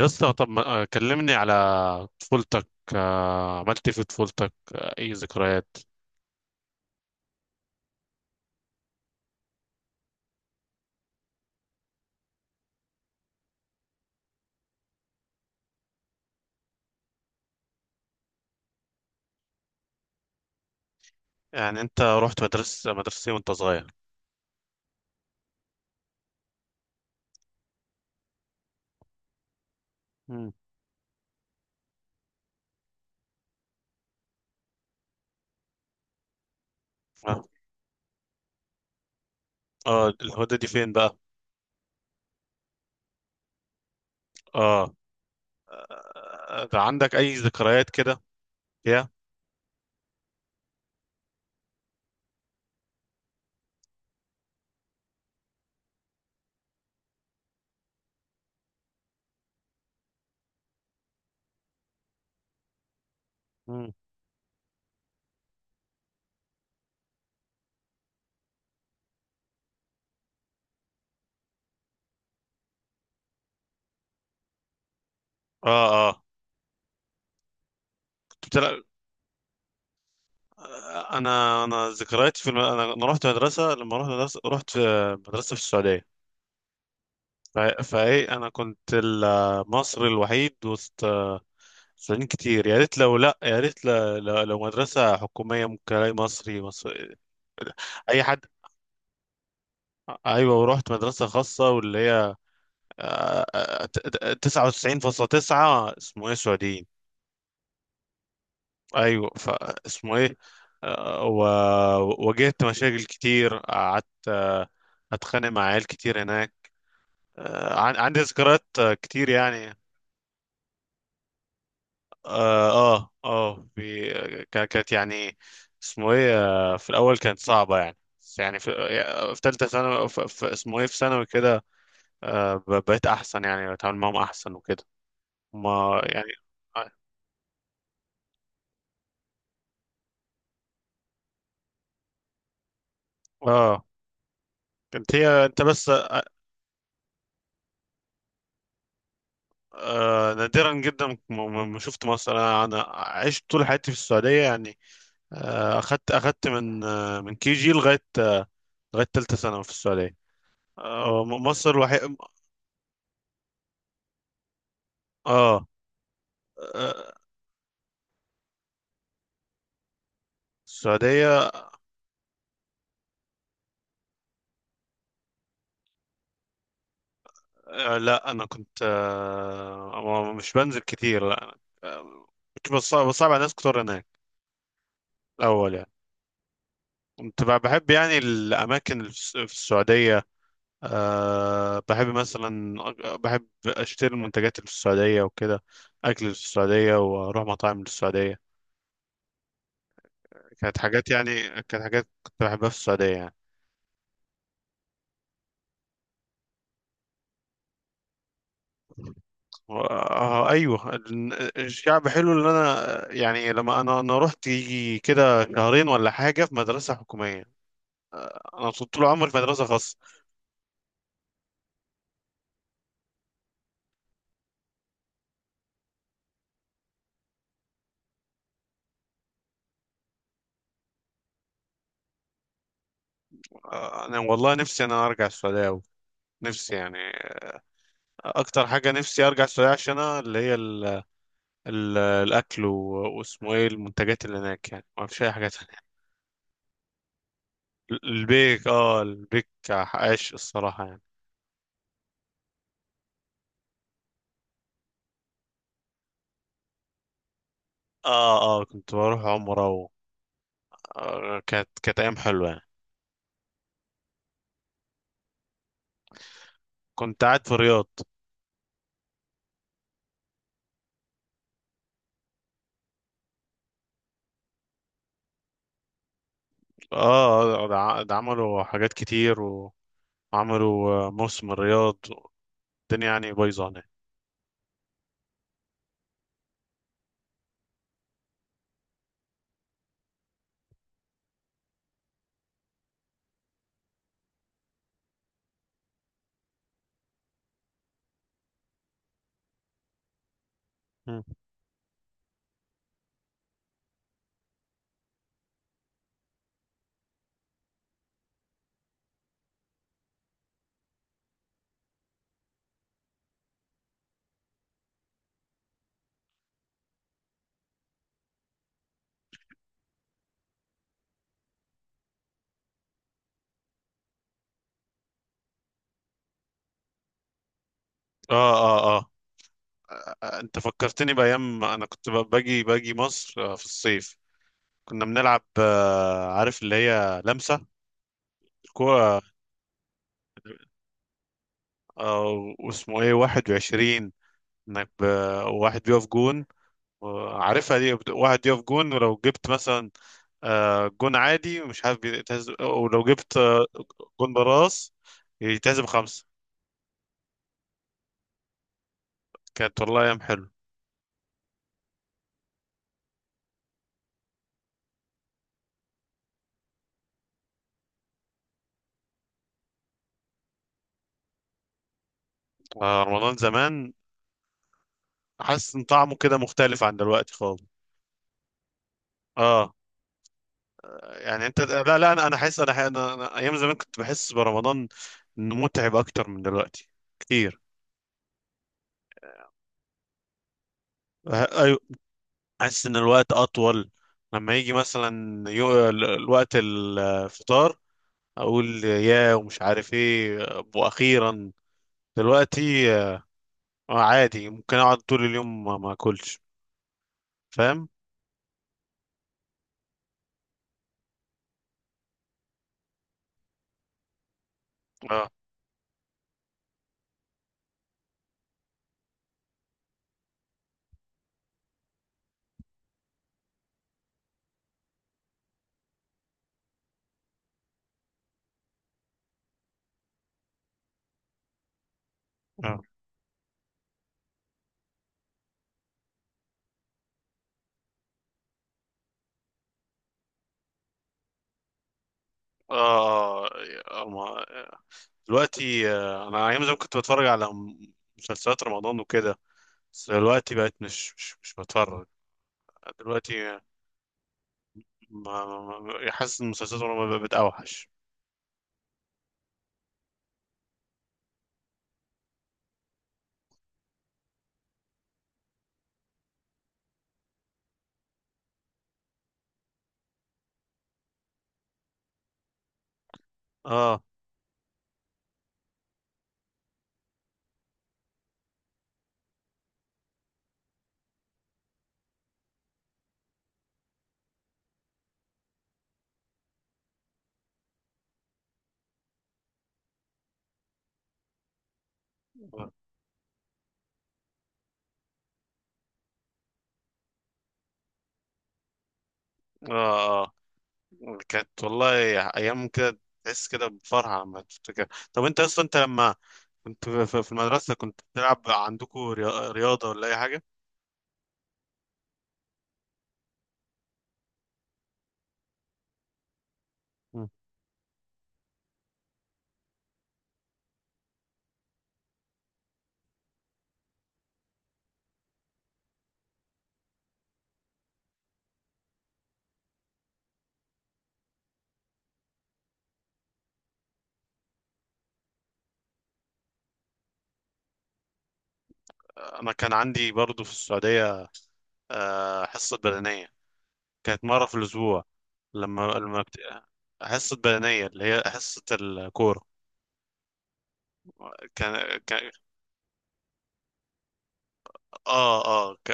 يا اسطى، طب كلمني على طفولتك. عملت إيه في طفولتك؟ اي ذكريات؟ يعني انت رحت مدرسة إيه وانت صغير؟ مم. اه. الهدى دي فين بقى؟ اه. ده عندك اي ذكريات كده؟ يا مم. اه، اه، كنت بتلعب. انا ذكرياتي في انا أنا رحت مدرسة لما رحت مدرسة رحت في مدرسة في السعودية. فايه انا كنت المصري الوحيد وسط سنين كتير. يا ريت لو، لا، يا ريت لو مدرسة حكومية ممكن الاقي مصري مصري. اي حد. ايوه، ورحت مدرسة خاصة واللي هي تسعة وتسعين فاصلة تسعة اسمه ايه سعوديين. ايوه، فاسمه ايه. آه، و- وواجهت مشاكل كتير. قعدت اتخانق مع عيال كتير هناك. عندي ذكريات كتير يعني. اه، اه، في. كانت يعني اسمه ايه. في الاول كانت صعبه يعني، بس يعني في في ثالثه ثانوي في اسمه ايه في ثانوي كده بقيت احسن، يعني بتعامل معاهم احسن وكده. ما يعني. اه. آه، كانت هي انت بس نادرا جدا، ما شفت مصر. انا عشت طول حياتي في السعوديه يعني. اخدت من من كي جي لغايه لغايه ثالثه ثانوي في السعوديه. مصر الوحيد. اه. آه، السعودية. لا أنا كنت مش بنزل كتير، لا. آه، كنت بصعب على ناس كتير هناك الأول يعني. كنت بحب يعني الأماكن اللي في في السعودية. بحب مثلا بحب أشتري المنتجات اللي في السعودية وكده، أكل اللي في السعودية، وأروح مطاعم اللي في السعودية. كانت حاجات كنت بحبها في السعودية يعني. ايوه، الشعب حلو. اللي انا يعني لما انا رحت يجي كده شهرين ولا حاجه في مدرسه حكوميه، انا كنت طول عمري في مدرسه خاصه. انا والله نفسي انا ارجع السعوديه أوي. نفسي يعني اكتر حاجه نفسي ارجع السعوديه عشانها، اللي هي ال ال الاكل و- واسمه ايه المنتجات اللي هناك يعني، ما فيش اي حاجه تانية. البيك. اه، البيك عاش، الصراحه يعني. اه، اه، كنت بروح عمره كانت ايام حلوه يعني. كنت قاعد في الرياض. اه، ده عملوا حاجات كتير، وعملوا موسم الرياض. الدنيا يعني بايظه هناك. مم. اه، اه، اه. انت فكرتني بايام ما انا كنت باجي مصر في الصيف. كنا بنلعب عارف اللي هي لمسه الكوره، واسمه ايه 21، انك ب- واحد بيقف جون. عارفها دي واحد يقف جون، ولو جبت مثلا جون عادي مش عارف بيتهز، ولو جبت جون براس يتهزم خمسة. كانت والله ايام حلو. رمضان زمان، حاسس ان طعمه كده مختلف عن دلوقتي خالص. اه، يعني انت، لا، لا، انا حاسس أنا ايام زمان كنت بحس برمضان انه متعب اكتر من دلوقتي كتير. ايوه، حاسس ان الوقت اطول. لما يجي مثلا الوقت الفطار، اقول يا ومش عارف ايه، واخيرا. دلوقتي آه عادي، ممكن اقعد طول اليوم ما اكلش، فاهم. اه، اه، اه. دلوقتي، انا ايام زمان كنت بتفرج على مسلسلات رمضان وكده، بس دلوقتي بقيت مش بتفرج. دلوقتي حاسس ان مسلسلات رمضان بقت اوحش. اه، اه، اه، كانت والله ايام كده تحس كده بفرحة لما تفتكر. طب انت لما كنت في المدرسة كنت بتلعب عندكم رياضة ولا اي حاجة؟ مم. انا كان عندي برضو في السعودية حصة بدنية، كانت مرة في الاسبوع. لما حصة بدنية اللي هي حصة الكورة. كان. اه، اه،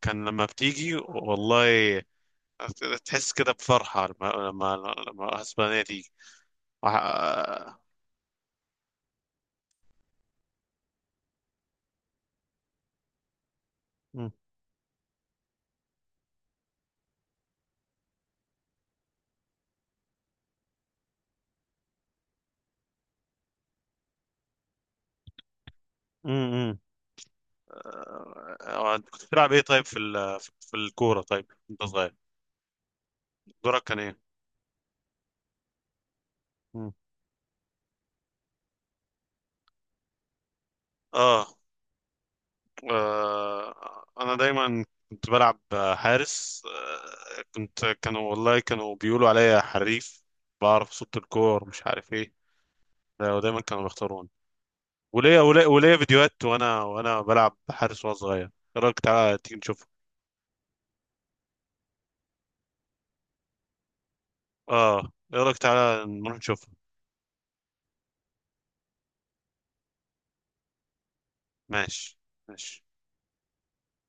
كان لما بتيجي، والله تحس كده بفرحة لما لما حصة بدنية تيجي وح- مم. مم. مم. انت كنت بتلعب ايه طيب في في الكورة؟ طيب انت صغير، دورك كان ايه؟ مم. اه. انا دايما كنت بلعب حارس. آه، كنت كانوا والله بيقولوا عليا حريف، بعرف صوت الكور، مش عارف ايه. ودايما كانوا بيختاروني. وليا فيديوهات وانا بلعب حارس وانا صغير. ايه رايك تعالى تيجي نشوفها؟ اه. ايه رايك تعالى نروح نشوفها؟ ماشي، ماشي.